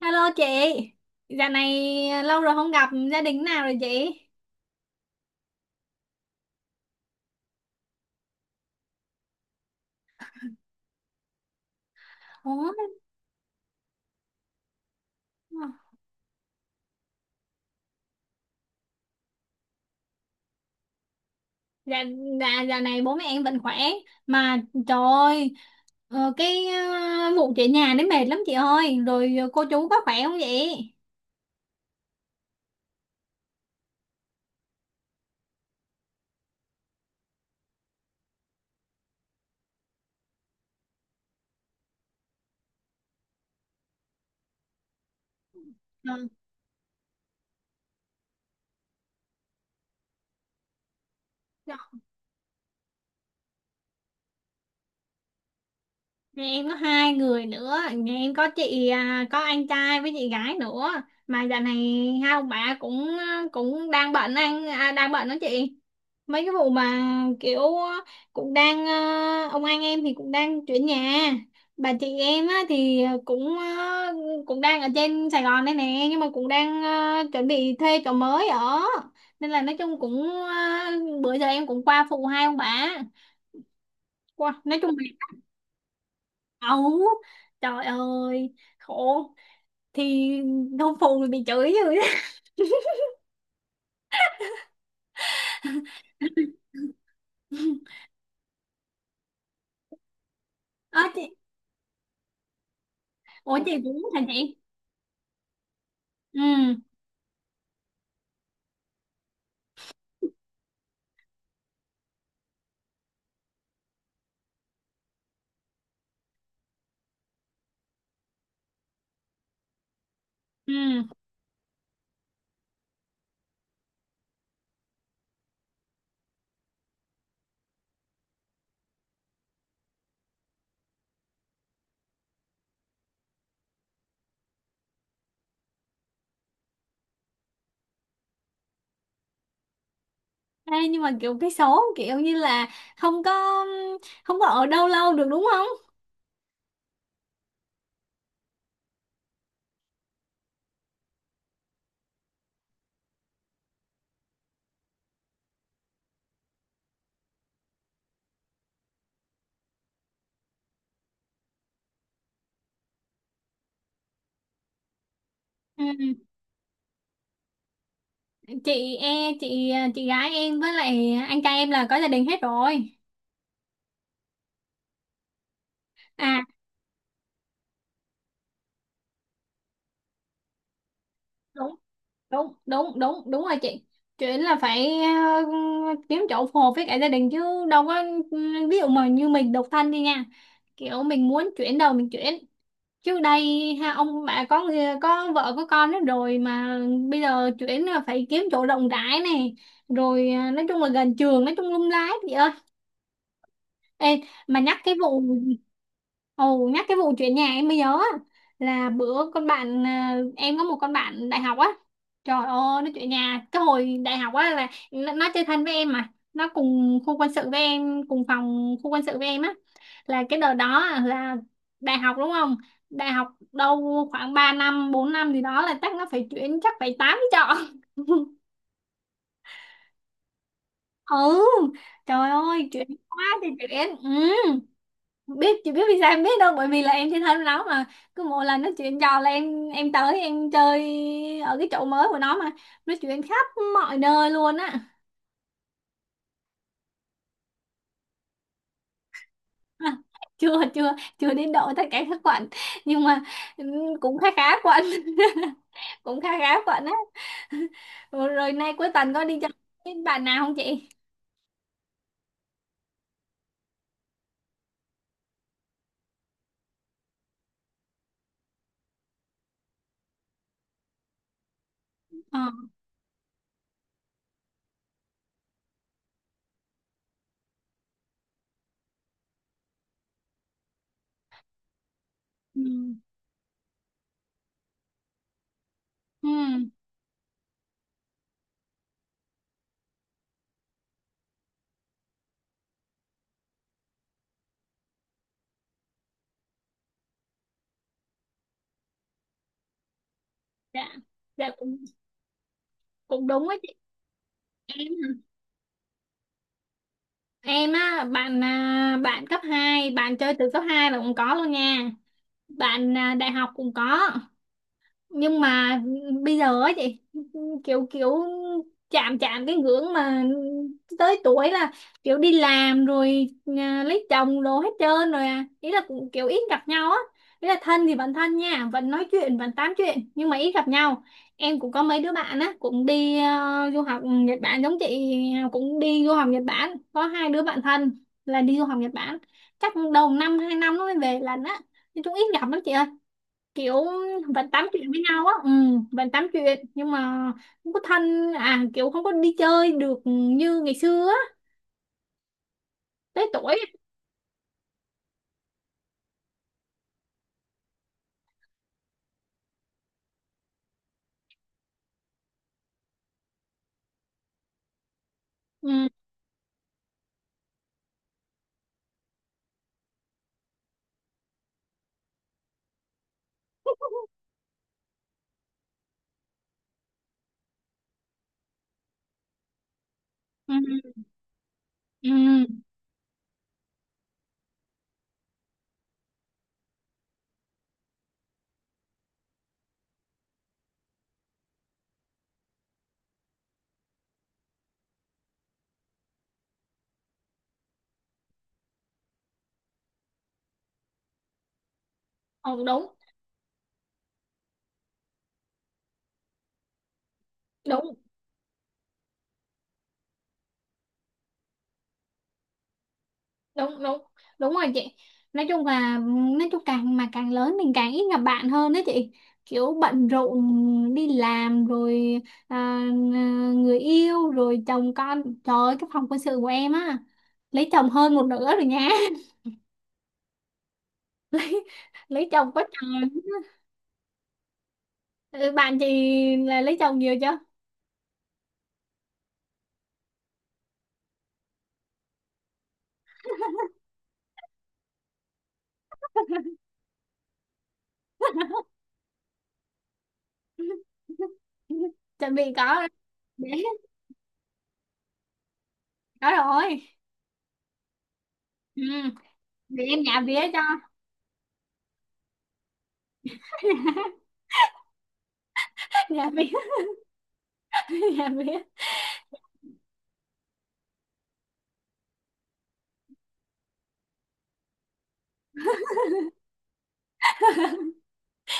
Hello chị, dạo này lâu rồi không gặp gia đình nào rồi chị? Ủa, dạ, dạ, dạo này bố mẹ em vẫn khỏe. Mà trời ơi, cái vụ chị nhà đấy mệt lắm chị ơi. Rồi cô chú có khỏe không vậy? Ừ. Dạ. Nhà em có hai người nữa, nhà em có chị, à, có anh trai với chị gái nữa. Mà dạo này hai ông bà cũng ờ, cũng đang bệnh anh à, đang bệnh đó chị, mấy cái vụ mà kiểu cũng đang ông anh em thì cũng đang chuyển nhà. Bà chị em á, thì cũng ờ, cũng đang ở trên Sài Gòn đây nè, nhưng mà cũng đang chuẩn bị thuê chỗ mới ở, nên là nói chung cũng bữa giờ em cũng qua phụ hai ông bà qua. Nói chung là ấu, trời ơi khổ, thì không phụ thì bị chửi rồi đó. Ờ, chị. Ủa chị cũng hả chị? Ừ. Ừ. Ê, nhưng mà kiểu cái số kiểu như là không có không có ở đâu lâu được đúng không? Ừ. Chị gái em với lại anh trai em là có gia đình hết rồi. À, đúng đúng đúng đúng đúng rồi chị. Chuyện là phải kiếm chỗ phù hợp với cả gia đình, chứ đâu có. Ví dụ mà như mình độc thân đi nha. Kiểu mình muốn chuyển đầu mình chuyển, trước đây ha, ông bà có vợ có con hết rồi mà bây giờ chuyển là phải kiếm chỗ rộng rãi này, rồi à, nói chung là gần trường, nói chung lung lái chị ơi. Ê, mà nhắc cái vụ chuyển nhà em mới nhớ á, là bữa con bạn, à, em có một con bạn đại học á. Trời ơi nó chuyển nhà cái hồi đại học á, là nó chơi thân với em, mà nó cùng khu quân sự với em, cùng phòng khu quân sự với em á. Là cái đợt đó là đại học đúng không, đại học đâu khoảng 3 năm 4 năm gì đó, là chắc nó phải chuyển, chắc phải tám trọ. Ừ. Trời ơi chuyển quá thì chuyển. Ừ. Biết, chị biết vì sao em biết đâu, bởi vì là em trên thân nó mà cứ mỗi lần nó chuyện trò là em tới em chơi ở cái chỗ mới của nó, mà nó chuyện khắp mọi nơi luôn á. À. Chưa, chưa chưa đến độ tất cả các quận, nhưng mà ừm, cũng khá khá quận. Cũng khá khá quận á. Rồi, rồi nay cuối tuần có đi chơi với bạn nào không chị? Ờ. Ừ. Ừ. Dạ. Dạ. Cũng cũng đúng á chị em. Em á, bạn, à, bạn cấp hai, bạn chơi từ cấp 2 là cũng có luôn nha. Bạn, à, đại học cũng có, nhưng mà bây giờ á chị, kiểu kiểu chạm chạm cái ngưỡng mà tới tuổi là kiểu đi làm rồi, à, lấy chồng đồ hết trơn rồi, à ý là cũng kiểu ít gặp nhau á. Ý là thân thì vẫn thân nha, vẫn nói chuyện vẫn tám chuyện nhưng mà ít gặp nhau. Em cũng có mấy đứa bạn á cũng đi du học Nhật Bản giống chị, cũng đi du học Nhật Bản, có hai đứa bạn thân là đi du học Nhật Bản. Chắc đầu năm hai năm nó mới về lần á, nói chung ít gặp lắm chị kiểu. Vẫn tám chuyện với nhau á, ừ, vẫn tám chuyện nhưng mà không có thân, à kiểu không có đi chơi được như ngày xưa á. Tới tuổi. Ừ. Ừ. Ừ. Ờ, đúng đúng đúng đúng đúng rồi chị. Nói chung là nói chung càng mà càng lớn mình càng ít gặp bạn hơn đó chị, kiểu bận rộn đi làm rồi, à, người yêu rồi chồng con, trời ơi cái phòng quân sự của em á lấy chồng hơn một nửa rồi nha. lấy lấy chồng quá trời. Ừ, bạn chị là lấy chồng nhiều chưa? Chuẩn bị có. Bé, có rồi. Ừ. Để em nhà vía cho. Nhà vía. Nhà vía.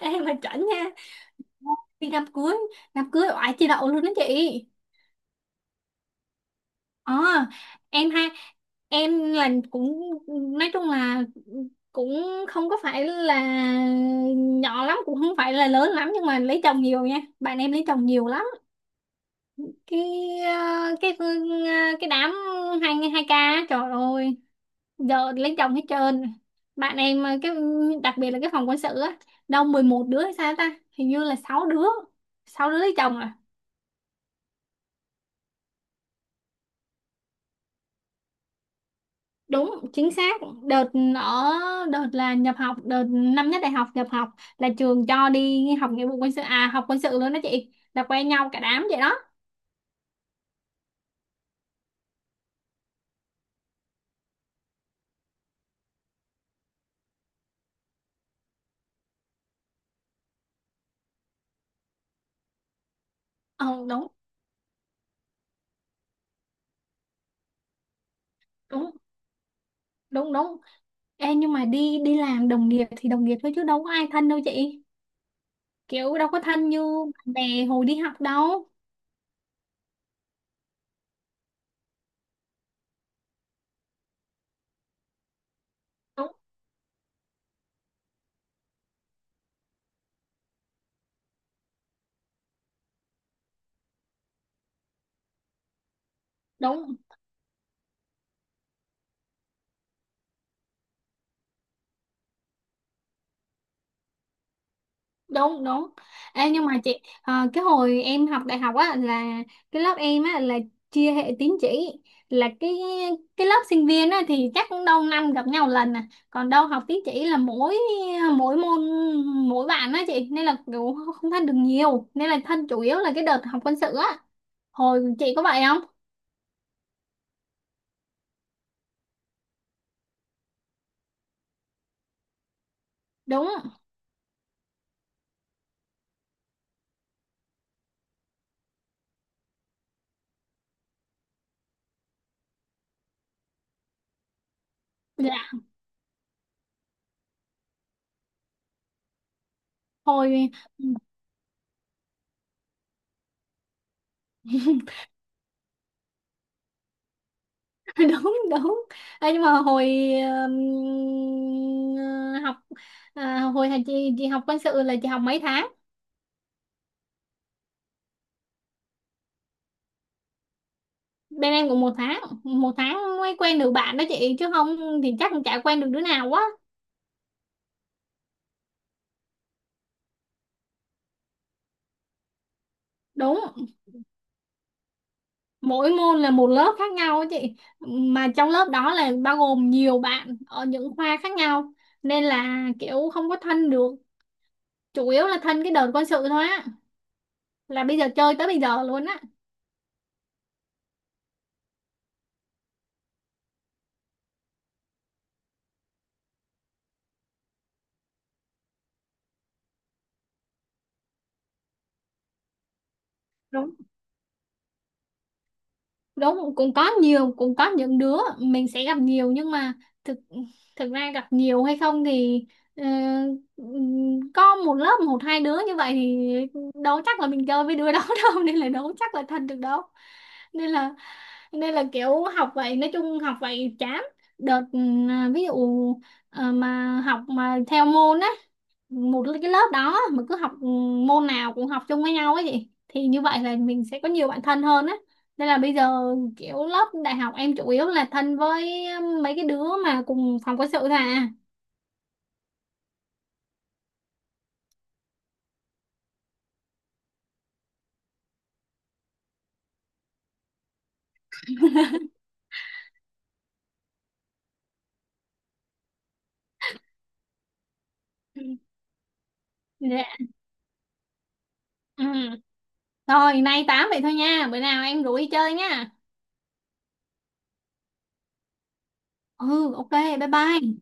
Em mà chuẩn nha, đi đám cưới, đám cưới oải chị đậu luôn đó chị. ờ em ha, em là cũng nói chung là cũng không có phải là nhỏ lắm, cũng không phải là lớn lắm, nhưng mà lấy chồng nhiều nha, bạn em lấy chồng nhiều lắm. Cái ờ, cái ờ, cái đám hai hai ca, trời ơi giờ lấy chồng hết trơn. Bạn em cái đặc biệt là cái phòng quân sự á, đâu 11 đứa hay sao ta, hình như là 6 đứa lấy chồng à. Đúng chính xác đợt, ở, đợt là nhập học, đợt năm nhất đại học nhập học, là trường cho đi học nghĩa vụ quân sự, à học quân sự luôn đó chị, là quen nhau cả đám vậy đó. Ờ, đúng đúng đúng đúng. Ê, nhưng mà đi đi làm đồng nghiệp thì đồng nghiệp thôi chứ đâu có ai thân đâu chị, kiểu đâu có thân như bạn bè hồi đi học đâu. Đúng đúng đúng đúng. Ê, nhưng mà chị cái hồi em học đại học á là cái lớp em á là chia hệ tín chỉ, là cái lớp sinh viên á thì chắc cũng đâu năm gặp nhau lần, à còn đâu học tín chỉ là mỗi mỗi môn mỗi bạn á chị, nên là kiểu không thân được nhiều, nên là thân chủ yếu là cái đợt học quân sự á, hồi chị có vậy không? Đúng. Dạ. Hồi. Đúng đúng. Ê, nhưng mà hồi ừm, học, à, hồi thầy chị học quân sự là chị học mấy tháng? Bên em cũng một tháng, một tháng mới quen được bạn đó chị, chứ không thì chắc cũng chả quen được đứa nào quá. Đúng. Mỗi môn là một lớp khác nhau á chị, mà trong lớp đó là bao gồm nhiều bạn ở những khoa khác nhau, nên là kiểu không có thân được, chủ yếu là thân cái đợt quân sự thôi á, là bây giờ chơi tới bây giờ luôn á. Đúng, cũng có nhiều, cũng có những đứa mình sẽ gặp nhiều, nhưng mà thực thực ra gặp nhiều hay không thì ờ, có một lớp một hai đứa như vậy thì đâu chắc là mình chơi với đứa đó đâu, nên là đâu chắc là thân được đâu. Nên là nên là kiểu học vậy, nói chung học vậy chán đợt, à, ví dụ mà học mà theo môn á, một cái lớp đó mà cứ học môn nào cũng học chung với nhau ấy chị, thì như vậy là mình sẽ có nhiều bạn thân hơn á. Nên là bây giờ kiểu lớp đại học em chủ yếu là thân với mấy cái đứa mà cùng phòng quân sự thôi à. Ừ. Dạ. Ừ. Rồi, nay tám vậy thôi nha. Bữa nào em rủ đi chơi nha. Ừ, ok, bye bye.